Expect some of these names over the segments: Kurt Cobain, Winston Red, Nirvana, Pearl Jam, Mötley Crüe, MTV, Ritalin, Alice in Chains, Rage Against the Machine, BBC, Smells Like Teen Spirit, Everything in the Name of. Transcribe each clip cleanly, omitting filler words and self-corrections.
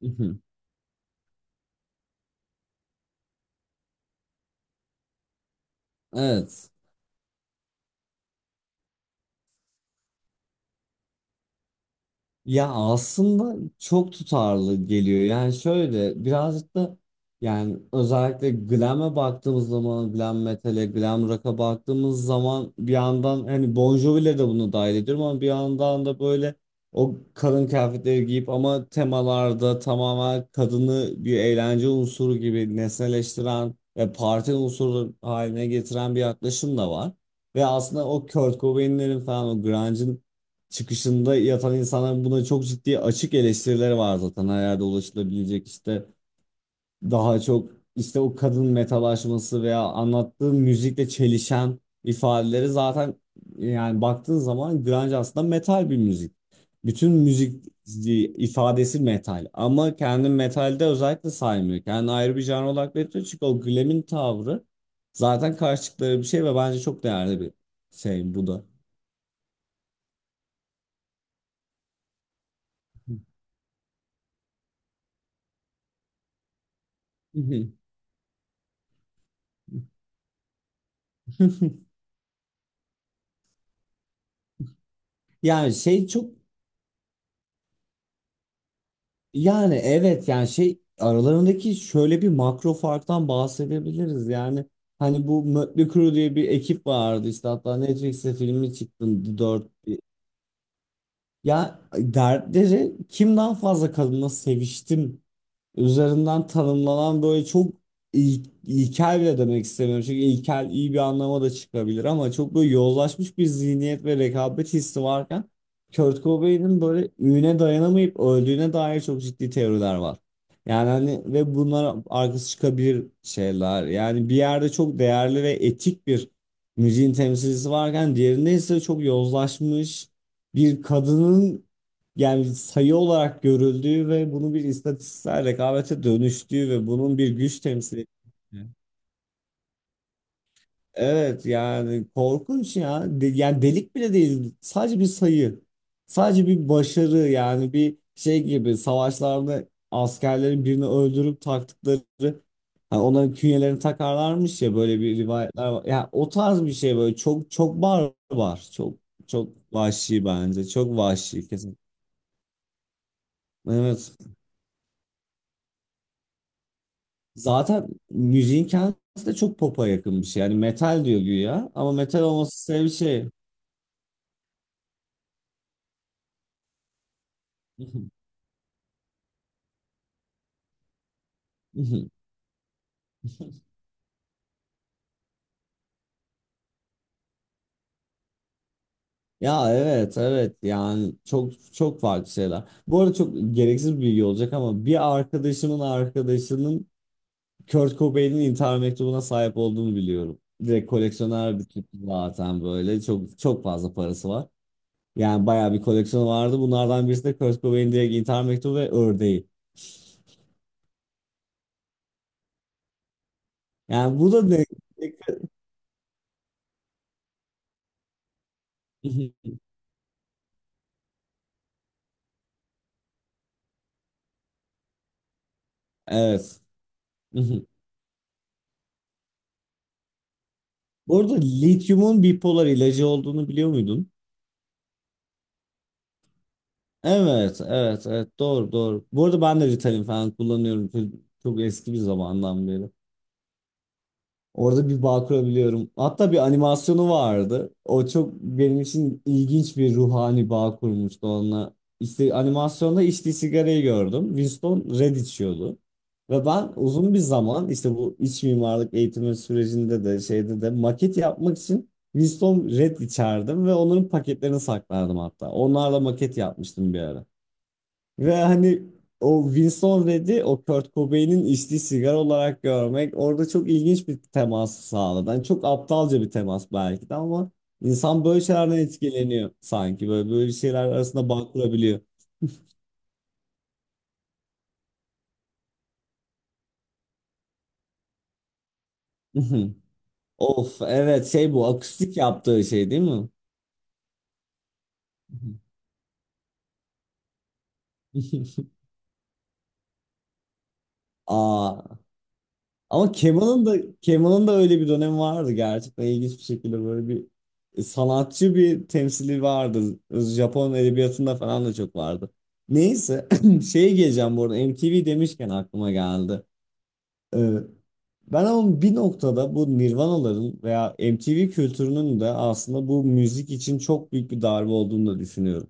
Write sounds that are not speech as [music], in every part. Mhm. Evet. Ya aslında çok tutarlı geliyor. Yani şöyle birazcık da özellikle glam'e baktığımız zaman glam metal'e, glam rock'a baktığımız zaman bir yandan hani Bon Jovi'le de bunu dahil ediyorum ama bir yandan da böyle o kadın kıyafetleri giyip ama temalarda tamamen kadını bir eğlence unsuru gibi nesneleştiren ve parti unsuru haline getiren bir yaklaşım da var. Ve aslında o Kurt Cobain'lerin falan o grunge'ın çıkışında yatan insanların buna çok ciddi açık eleştirileri var zaten. Her yerde ulaşılabilecek işte daha çok işte o kadın metalaşması veya anlattığı müzikle çelişen ifadeleri zaten, yani baktığın zaman grunge aslında metal bir müzik. Bütün müzik ifadesi metal ama kendi metalde özellikle saymıyor. Kendi ayrı bir janr olarak belirtiyor çünkü o glam'in tavrı zaten karşı çıktıkları bir şey ve bence çok değerli bir şey bu da. [laughs] Yani şey çok. Yani evet yani şey, aralarındaki şöyle bir makro farktan bahsedebiliriz, yani hani bu Mötley Crüe diye bir ekip vardı, işte hatta Netflix'te filmi çıktı dört, ya dertleri kim daha fazla kadınla seviştim üzerinden tanımlanan böyle çok ilkel bile demek istemiyorum. Çünkü ilkel iyi bir anlama da çıkabilir ama çok böyle yozlaşmış bir zihniyet ve rekabet hissi varken Kurt Cobain'in böyle üne dayanamayıp öldüğüne dair çok ciddi teoriler var. Yani hani ve bunlar arkası çıkabilir şeyler. Yani bir yerde çok değerli ve etik bir müziğin temsilcisi varken diğerinde ise çok yozlaşmış bir kadının, yani sayı olarak görüldüğü ve bunun bir istatistiksel rekabete dönüştüğü ve bunun bir güç temsili. Evet yani korkunç ya. De- yani delik bile değil. Sadece bir sayı. Sadece bir başarı, yani bir şey gibi, savaşlarda askerlerin birini öldürüp taktıkları, hani onların künyelerini takarlarmış ya, böyle bir rivayetler var. Yani o tarz bir şey, böyle çok çok barbar. Çok çok vahşi bence. Çok vahşi kesin. Evet. Zaten müziğin kendisi de çok pop'a yakın bir şey. Yani metal diyor güya ama metal olması sebebi şey. [laughs] Ya evet evet, yani çok çok farklı şeyler. Bu arada çok gereksiz bir bilgi olacak ama bir arkadaşımın arkadaşının Kurt Cobain'in intihar mektubuna sahip olduğunu biliyorum. Direkt koleksiyoner bir tip, zaten böyle çok çok fazla parası var. Yani bayağı bir koleksiyonu vardı. Bunlardan birisi de Kurt Cobain'in direkt intihar mektubu ve ördeği. Yani bu da ne? [laughs] Evet. [laughs] Hı hı. Bu arada lityumun bipolar ilacı olduğunu biliyor muydun? Evet, evet, evet. Doğru, doğru. Bu arada ben de Ritalin falan kullanıyorum. Çok, çok eski bir zamandan beri. Orada bir bağ kurabiliyorum. Hatta bir animasyonu vardı. O çok benim için ilginç bir ruhani bağ kurmuştu onunla. İşte animasyonda içtiği sigarayı gördüm. Winston Red içiyordu. Ve ben uzun bir zaman işte bu iç mimarlık eğitimi sürecinde de şeyde de maket yapmak için Winston Red içerdim ve onların paketlerini saklardım hatta. Onlarla maket yapmıştım bir ara. Ve hani o Winston Redd'i o Kurt Cobain'in içtiği sigara olarak görmek orada çok ilginç bir temas sağladı. Yani çok aptalca bir temas belki de ama insan böyle şeylerden etkileniyor sanki. Böyle şeyler arasında bağ kurabiliyor. [laughs] Of evet şey, bu akustik yaptığı şey değil mi? [laughs] Aa. Ama Kemal'ın da öyle bir dönemi vardı, gerçekten ilginç bir şekilde böyle bir sanatçı bir temsili vardı. Japon edebiyatında falan da çok vardı. Neyse [clears throat] şeye geleceğim, bu arada MTV demişken aklıma geldi. Ee, Ben ama bir noktada bu Nirvanaların veya MTV kültürünün de aslında bu müzik için çok büyük bir darbe olduğunu da düşünüyorum.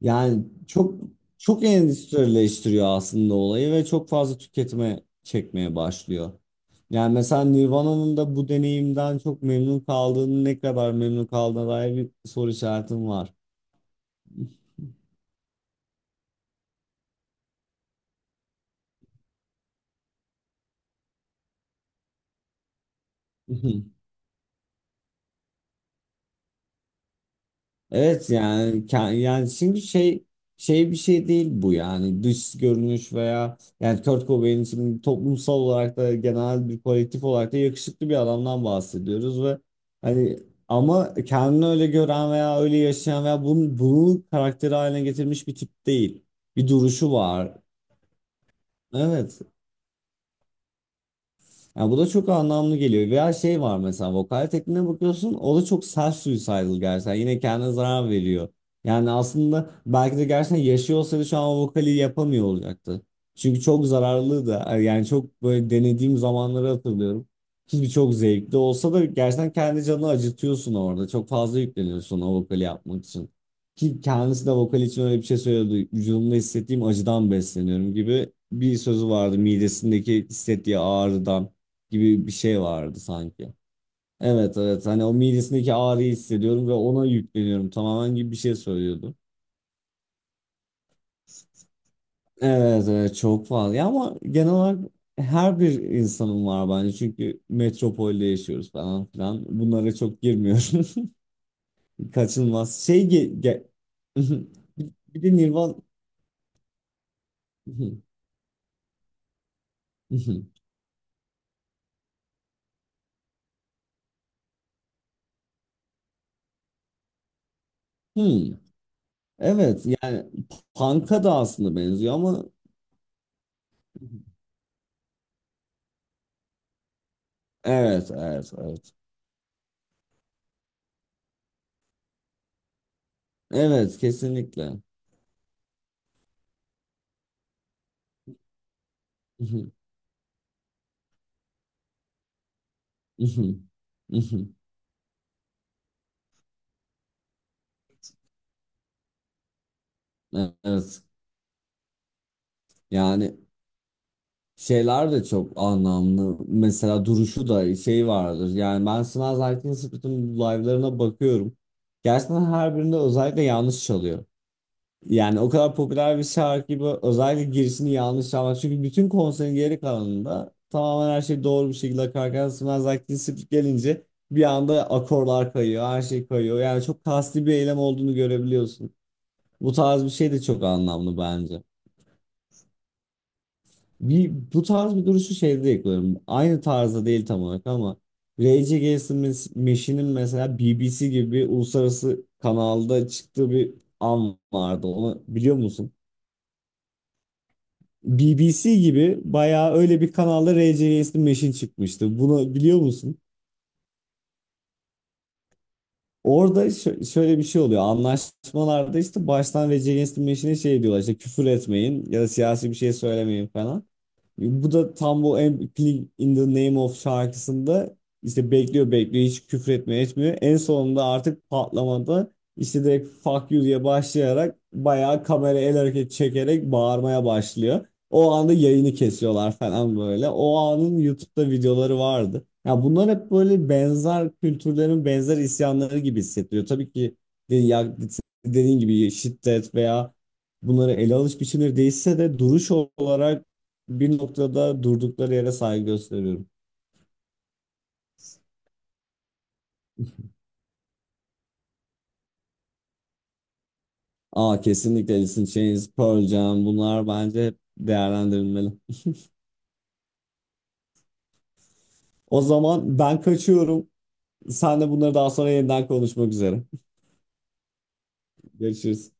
Yani çok çok endüstrileştiriyor aslında olayı ve çok fazla tüketime çekmeye başlıyor. Yani mesela Nirvana'nın da bu deneyimden çok memnun kaldığını, ne kadar memnun kaldığına dair bir soru işaretim var. [laughs] Evet yani ke- yani şimdi şey, şey bir şey değil bu, yani dış görünüş veya, yani Kurt Cobain, şimdi toplumsal olarak da genel bir kolektif olarak da yakışıklı bir adamdan bahsediyoruz ve hani, ama kendini öyle gören veya öyle yaşayan veya bunu karakteri haline getirmiş bir tip değil. Bir duruşu var. Evet. Ya bu da çok anlamlı geliyor. Veya şey var mesela, vokal tekniğine bakıyorsun o da çok self suicidal gerçekten. Yine kendine zarar veriyor. Yani aslında belki de gerçekten yaşıyor olsaydı şu an o vokali yapamıyor olacaktı. Çünkü çok zararlı da, yani çok böyle denediğim zamanları hatırlıyorum. Hiçbir, çok zevkli olsa da gerçekten kendi canını acıtıyorsun orada. Çok fazla yükleniyorsun o vokali yapmak için. Ki kendisi de vokal için öyle bir şey söylüyordu. Vücudumda hissettiğim acıdan besleniyorum gibi bir sözü vardı, midesindeki hissettiği ağrıdan gibi bir şey vardı sanki. Evet evet hani, o midesindeki ağrıyı hissediyorum ve ona yükleniyorum tamamen gibi bir şey söylüyordu. Evet evet çok fazla ya, ama genel olarak her bir insanın var bence, çünkü metropolde yaşıyoruz falan filan, bunlara çok girmiyorum. [laughs] Kaçınılmaz şey [laughs] bir de Nirvan [laughs] Hmm. Evet yani punk'a da aslında benziyor ama evet evet evet, evet kesinlikle. [laughs] Mhm, mhm. Evet. Yani şeyler de çok anlamlı. Mesela duruşu da şey vardır. Yani ben Smells Like Teen Spirit'in live'larına bakıyorum. Gerçekten her birinde özellikle yanlış çalıyor. Yani o kadar popüler bir şarkı gibi, özellikle girişini yanlış çalmak. Çünkü bütün konserin geri kalanında tamamen her şey doğru bir şekilde akarken Smells Like Teen Spirit gelince bir anda akorlar kayıyor, her şey kayıyor. Yani çok kasti bir eylem olduğunu görebiliyorsun. Bu tarz bir şey de çok anlamlı bence. Bir, bu tarz bir duruşu şeyde yakaladım. Aynı tarzda değil tam olarak ama Rage Against the Machine'in mesela BBC gibi bir uluslararası kanalda çıktığı bir an vardı. Onu biliyor musun? BBC gibi bayağı öyle bir kanalda Rage Against the Machine çıkmıştı. Bunu biliyor musun? Orada şöyle bir şey oluyor. Anlaşmalarda işte baştan Rage Against the Machine'e şey diyorlar, işte küfür etmeyin ya da siyasi bir şey söylemeyin falan. Bu da tam bu Everything in the Name of şarkısında işte bekliyor bekliyor, hiç küfür etmiyor etmiyor. En sonunda artık patlamada işte direkt fuck you diye başlayarak bayağı kamera el hareketi çekerek bağırmaya başlıyor. O anda yayını kesiyorlar falan böyle. O anın YouTube'da videoları vardı. Ya bunlar hep böyle benzer kültürlerin benzer isyanları gibi hissettiriyor. Tabii ki de- ya- dediğin gibi şiddet veya bunları ele alış biçimleri değişse de duruş olarak bir noktada durdukları yere saygı gösteriyorum. Aa kesinlikle, Alice in Chains, Pearl Jam bunlar bence hep değerlendirilmeli. O zaman ben kaçıyorum. Sen de bunları daha sonra yeniden konuşmak üzere. Görüşürüz.